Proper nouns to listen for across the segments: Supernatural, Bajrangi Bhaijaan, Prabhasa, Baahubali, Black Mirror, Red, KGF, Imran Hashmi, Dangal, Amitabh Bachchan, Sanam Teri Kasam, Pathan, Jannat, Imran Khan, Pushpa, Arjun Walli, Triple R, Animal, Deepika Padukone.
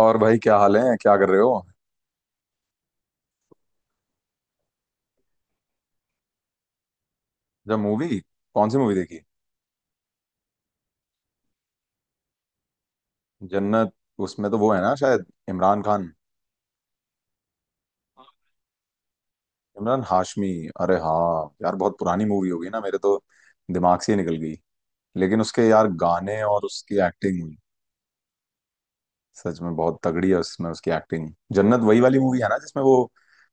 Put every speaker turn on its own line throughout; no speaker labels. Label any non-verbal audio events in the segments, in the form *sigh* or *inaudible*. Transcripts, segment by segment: और भाई, क्या हाल है? क्या कर रहे हो? जब मूवी कौन सी मूवी देखी? जन्नत। उसमें तो वो है ना, शायद इमरान खान। इमरान हाशमी। अरे हाँ यार, बहुत पुरानी मूवी होगी ना, मेरे तो दिमाग से ही निकल गई। लेकिन उसके यार गाने और उसकी एक्टिंग सच में बहुत तगड़ी है, उसमें उसकी एक्टिंग। जन्नत वही वाली मूवी है ना, जिसमें वो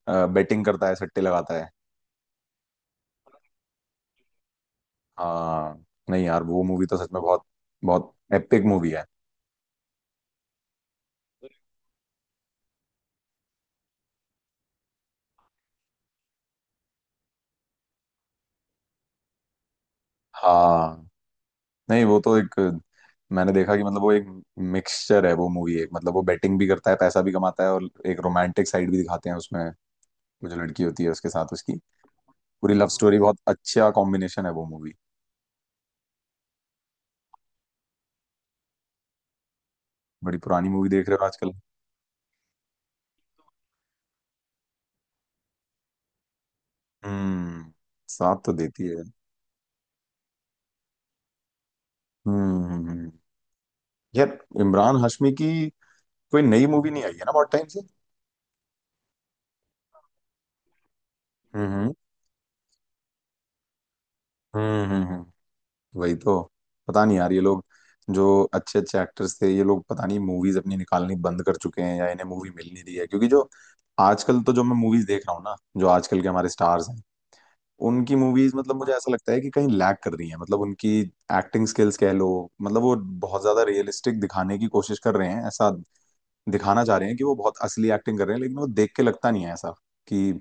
बेटिंग करता है, सट्टे लगाता है। हाँ। नहीं यार, वो मूवी तो सच में बहुत बहुत एपिक मूवी है। हाँ, नहीं वो तो एक, मैंने देखा कि मतलब वो एक मिक्सचर है वो मूवी, एक मतलब वो बेटिंग भी करता है, पैसा भी कमाता है और एक रोमांटिक साइड भी दिखाते हैं उसमें। वो जो लड़की होती है उसके साथ उसकी पूरी लव, हाँ, स्टोरी। बहुत अच्छा कॉम्बिनेशन है वो मूवी। बड़ी पुरानी मूवी देख रहे हो आजकल। हम्म। साथ तो देती है। हम्म हम्म, हम्म। यार इमरान हाशमी की कोई नई मूवी नहीं आई है ना, बहुत टाइम से। हम्म हम्म हम्म हम्म, हम्म। वही तो। पता नहीं यार, ये लोग जो अच्छे अच्छे एक्टर्स थे, ये लोग पता नहीं मूवीज अपनी निकालनी बंद कर चुके हैं या इन्हें मूवी मिल नहीं रही है, क्योंकि जो आजकल तो जो मैं मूवीज देख रहा हूँ ना, जो आजकल के हमारे स्टार्स हैं, उनकी मूवीज मतलब मुझे ऐसा लगता है कि कहीं लैग कर रही है, मतलब उनकी एक्टिंग स्किल्स कह लो। मतलब वो बहुत ज्यादा रियलिस्टिक दिखाने की कोशिश कर रहे हैं, ऐसा दिखाना चाह रहे हैं कि वो बहुत असली एक्टिंग कर रहे हैं, लेकिन वो देख के लगता नहीं है ऐसा कि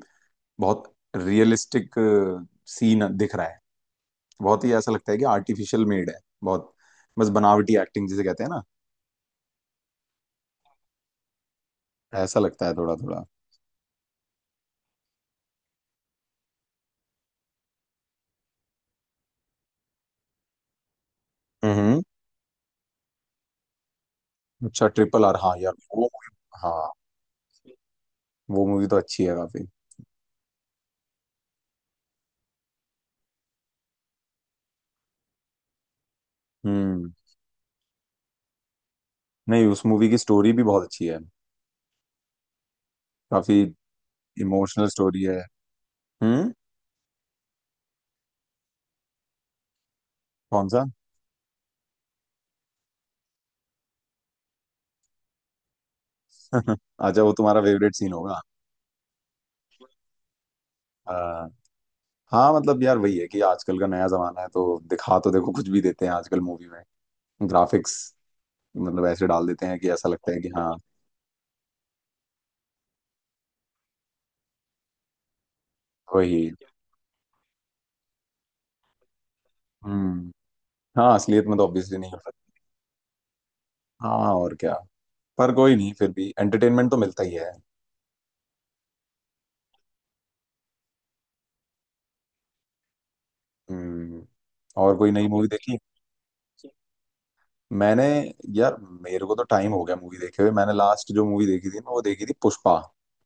बहुत रियलिस्टिक सीन दिख रहा है। बहुत ही ऐसा लगता है कि आर्टिफिशियल मेड है, बहुत, बस बनावटी एक्टिंग जिसे कहते हैं ना। ऐसा लगता है थोड़ा थोड़ा। हम्म। अच्छा, ट्रिपल आर, हाँ यार वो हाँ वो मूवी तो अच्छी है काफी। हम्म। नहीं, उस मूवी की स्टोरी भी बहुत अच्छी है, काफी इमोशनल स्टोरी है। हम्म। कौन सा? *laughs* अच्छा, वो तुम्हारा फेवरेट सीन होगा। आ, हाँ मतलब यार, वही है कि आजकल का नया जमाना है तो दिखा, तो देखो कुछ भी देते हैं आजकल मूवी में, ग्राफिक्स मतलब ऐसे डाल देते हैं कि ऐसा लगता है कि हाँ। वही। हम्म। हाँ, असलियत में तो ऑब्वियसली नहीं हो सकता। हाँ और क्या, पर कोई नहीं, फिर भी एंटरटेनमेंट तो मिलता ही है। हम्म। और कोई नई मूवी देखी? मैंने, यार मेरे को तो टाइम हो गया मूवी देखे हुए, मैंने लास्ट जो मूवी देखी थी ना वो देखी थी पुष्पा,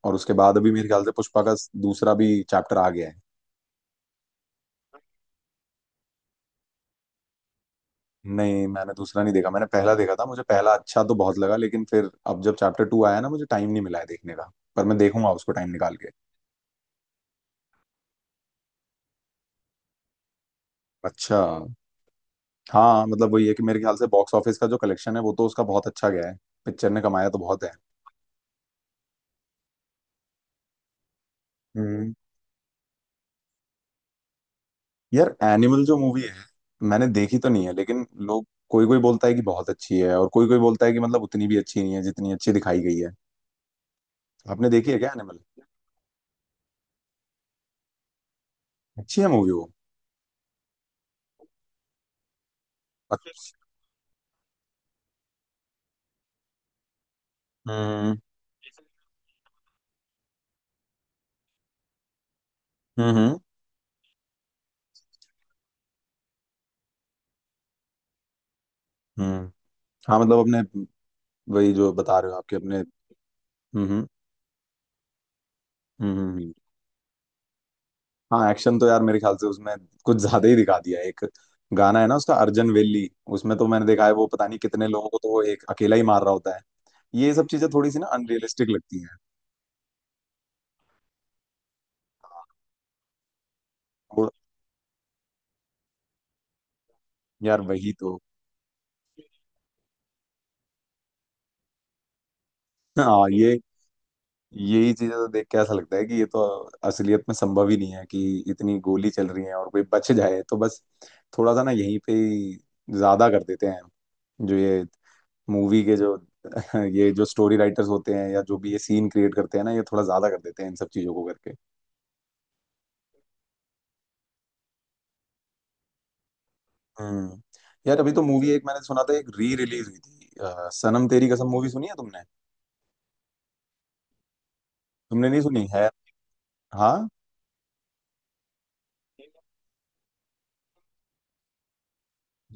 और उसके बाद अभी मेरे ख्याल से पुष्पा का दूसरा भी चैप्टर आ गया है। नहीं, मैंने दूसरा नहीं देखा, मैंने पहला देखा था। मुझे पहला अच्छा तो बहुत लगा, लेकिन फिर अब जब चैप्टर टू आया ना, मुझे टाइम नहीं मिला है देखने का, पर मैं देखूंगा उसको टाइम निकाल के। अच्छा। हाँ मतलब वही है कि मेरे ख्याल से बॉक्स ऑफिस का जो कलेक्शन है वो तो उसका बहुत अच्छा गया है, पिक्चर ने कमाया तो बहुत है। हम्म। यार एनिमल जो मूवी है, मैंने देखी तो नहीं है लेकिन लोग, कोई कोई बोलता है कि बहुत अच्छी है और कोई कोई बोलता है कि मतलब उतनी भी अच्छी नहीं है जितनी अच्छी दिखाई गई है। आपने देखी है क्या एनिमल? अच्छी है मूवी वो। अच्छा। हम्म हम्म हम्म हम्म। हाँ मतलब अपने, वही जो बता रहे हो आपके अपने। हम्म हम्म हम्म, हम्म। हाँ एक्शन तो यार, मेरे ख्याल से उसमें कुछ ज्यादा ही दिखा दिया। एक गाना है ना उसका, अर्जन वेली, उसमें तो मैंने देखा है, वो पता नहीं कितने लोगों को तो वो एक अकेला ही मार रहा होता है। ये सब चीजें थोड़ी सी ना अनरियलिस्टिक लगती हैं। और यार, वही तो। हाँ ये, यही चीजें तो देख के ऐसा लगता है कि ये तो असलियत में संभव ही नहीं है कि इतनी गोली चल रही है और कोई बच जाए, तो बस थोड़ा सा ना यहीं पे ही ज्यादा कर देते हैं जो ये मूवी के जो *laughs* ये जो स्टोरी राइटर्स होते हैं या जो भी ये सीन क्रिएट करते हैं ना, ये थोड़ा ज्यादा कर देते हैं इन सब चीजों को करके। हम्म। यार अभी तो मूवी एक मैंने सुना था, एक री रिलीज हुई थी सनम तेरी कसम, मूवी सुनी है तुमने? तुमने नहीं सुनी है? हाँ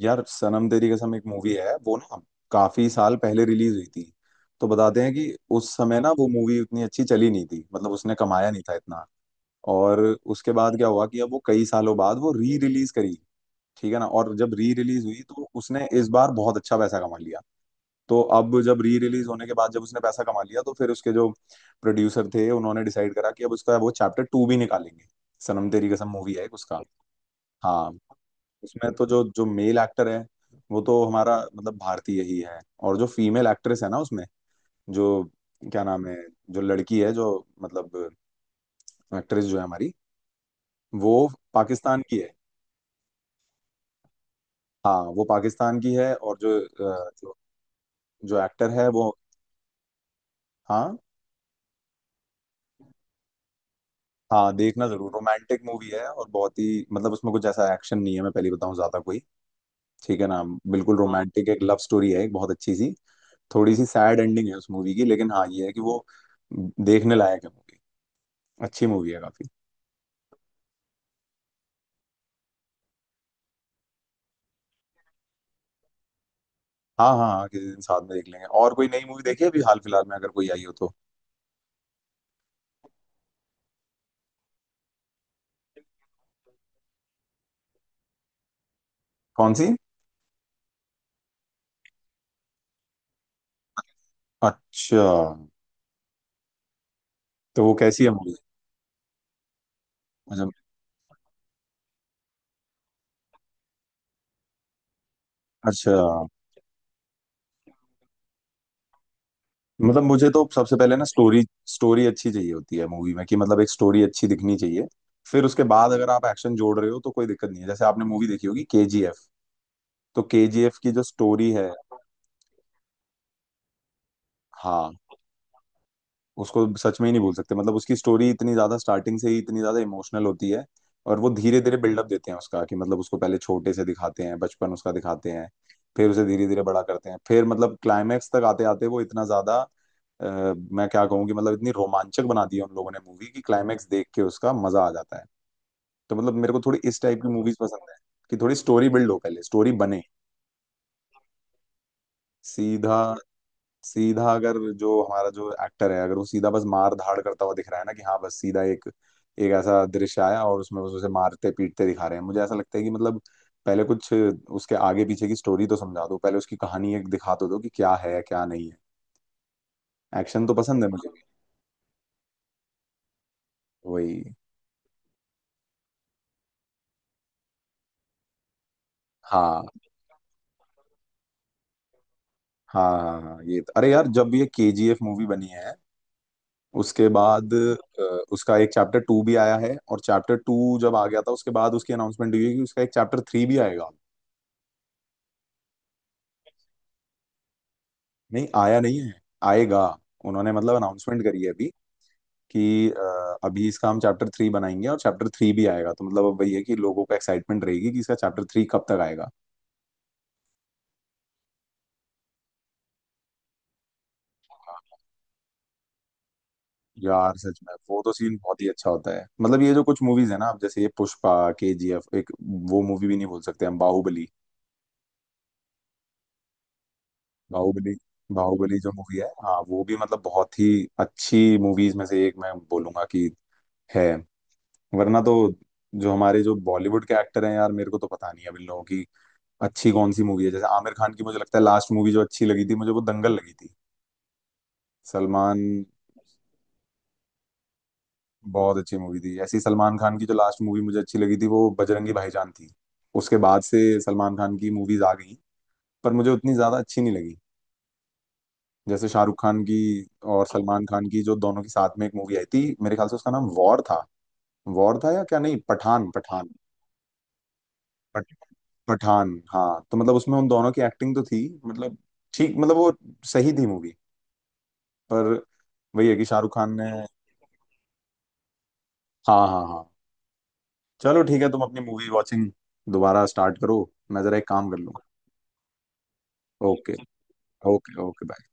यार, सनम तेरी कसम एक मूवी है वो ना, काफी साल पहले रिलीज हुई थी, तो बताते हैं कि उस समय ना वो मूवी उतनी अच्छी चली नहीं थी, मतलब उसने कमाया नहीं था इतना। और उसके बाद क्या हुआ कि अब वो कई सालों बाद वो री रिलीज करी, ठीक है ना, और जब री रिलीज हुई तो उसने इस बार बहुत अच्छा पैसा कमा लिया। तो अब जब री रिलीज होने के बाद जब उसने पैसा कमा लिया, तो फिर उसके जो प्रोड्यूसर थे उन्होंने डिसाइड करा कि अब उसका वो चैप्टर टू भी निकालेंगे, सनम तेरी कसम मूवी है एक उसका। हाँ, उसमें तो जो जो मेल एक्टर है वो तो हमारा मतलब भारतीय ही है, और जो फीमेल एक्ट्रेस है ना उसमें, जो, क्या नाम है? जो लड़की है, जो मतलब एक्ट्रेस जो है हमारी, वो पाकिस्तान की है। हाँ वो पाकिस्तान की है, और जो अ, जो, जो एक्टर है वो। हाँ हाँ, देखना जरूर। रोमांटिक मूवी है और बहुत ही मतलब उसमें कुछ ऐसा एक्शन नहीं है, मैं पहले बताऊं, ज्यादा कोई, ठीक है ना। बिल्कुल, हाँ रोमांटिक एक लव स्टोरी है, एक बहुत अच्छी सी। थोड़ी सी सैड एंडिंग है उस मूवी की, लेकिन हाँ ये है कि वो देखने लायक है मूवी, अच्छी मूवी है काफी। हाँ हाँ हाँ, किसी दिन साथ में देख लेंगे। और कोई नई मूवी देखी है अभी हाल फिलहाल में, अगर कोई आई हो तो? कौन सी? अच्छा, तो वो कैसी है मूवी, मतलब। अच्छा, मतलब मुझे तो सबसे पहले ना स्टोरी, स्टोरी अच्छी चाहिए होती है मूवी में, कि मतलब एक स्टोरी अच्छी दिखनी चाहिए। फिर उसके बाद अगर आप एक्शन जोड़ रहे हो तो कोई दिक्कत नहीं है, जैसे आपने मूवी देखी होगी केजीएफ, तो केजीएफ की जो स्टोरी है। हाँ, उसको सच में ही नहीं भूल सकते, मतलब उसकी स्टोरी इतनी ज्यादा स्टार्टिंग से ही इतनी ज्यादा इमोशनल होती है। और वो धीरे धीरे बिल्डअप देते हैं उसका कि मतलब उसको पहले छोटे से दिखाते हैं, बचपन उसका दिखाते हैं, फिर उसे धीरे धीरे बड़ा करते हैं, फिर मतलब क्लाइमैक्स तक आते आते वो इतना ज्यादा, मैं क्या कहूँ कि मतलब इतनी रोमांचक बना दी है उन लोगों ने मूवी कि क्लाइमैक्स देख के उसका मजा आ जाता है। तो मतलब मेरे को थोड़ी इस टाइप की मूवीज पसंद है, कि थोड़ी स्टोरी बिल्ड हो, पहले स्टोरी बने। सीधा, सीधा अगर जो हमारा जो एक्टर है, अगर वो सीधा बस मार धाड़ करता हुआ दिख रहा है ना कि हाँ बस सीधा एक एक ऐसा दृश्य आया और उसमें बस उसे मारते पीटते दिखा रहे हैं, मुझे ऐसा लगता है कि मतलब पहले कुछ उसके आगे पीछे की स्टोरी तो समझा दो, पहले उसकी कहानी एक दिखा तो दो कि क्या है क्या नहीं है। एक्शन तो पसंद है मुझे भी, वही। हाँ हाँ हाँ हाँ अरे यार, जब ये केजीएफ मूवी बनी है उसके बाद उसका एक चैप्टर टू भी आया है, और चैप्टर टू जब आ गया था उसके बाद उसकी अनाउंसमेंट हुई है कि उसका एक चैप्टर थ्री भी आएगा। नहीं आया नहीं है, आएगा। उन्होंने मतलब अनाउंसमेंट करी है अभी कि अभी इसका हम चैप्टर थ्री बनाएंगे, और चैप्टर थ्री भी आएगा, तो मतलब अब वही है कि लोगों को एक्साइटमेंट रहेगी कि इसका चैप्टर थ्री कब तक आएगा। यार सच में वो तो सीन बहुत ही अच्छा होता है, मतलब ये जो कुछ मूवीज है ना, अब जैसे ये पुष्पा केजीएफ एक, वो मूवी भी नहीं बोल सकते हम, बाहुबली, बाहुबली। बाहुबली जो मूवी है, हाँ वो भी मतलब बहुत ही अच्छी मूवीज में से एक मैं बोलूंगा कि है। वरना तो जो हमारे जो बॉलीवुड के एक्टर हैं यार, मेरे को तो पता नहीं है अब इन लोगों की अच्छी कौन सी मूवी है, जैसे आमिर खान की मुझे लगता है लास्ट मूवी जो अच्छी लगी थी मुझे वो दंगल लगी थी। सलमान, बहुत अच्छी मूवी थी ऐसी सलमान खान की, जो लास्ट मूवी मुझे अच्छी लगी थी वो बजरंगी भाईजान थी। उसके बाद से सलमान खान की मूवीज आ गई पर मुझे उतनी ज्यादा अच्छी नहीं लगी, जैसे शाहरुख खान की और सलमान खान की जो दोनों की साथ में एक मूवी आई थी मेरे ख्याल से उसका नाम वॉर था, वॉर था या क्या, नहीं पठान, पठान, पठ- पठान। हाँ, तो मतलब उसमें उन दोनों की एक्टिंग तो थी, मतलब ठीक, मतलब वो सही थी मूवी, पर वही है कि शाहरुख खान ने, हाँ हाँ हाँ, चलो ठीक है, तुम अपनी मूवी वॉचिंग दोबारा स्टार्ट करो, मैं जरा एक काम कर लूँ। Okay, okay okay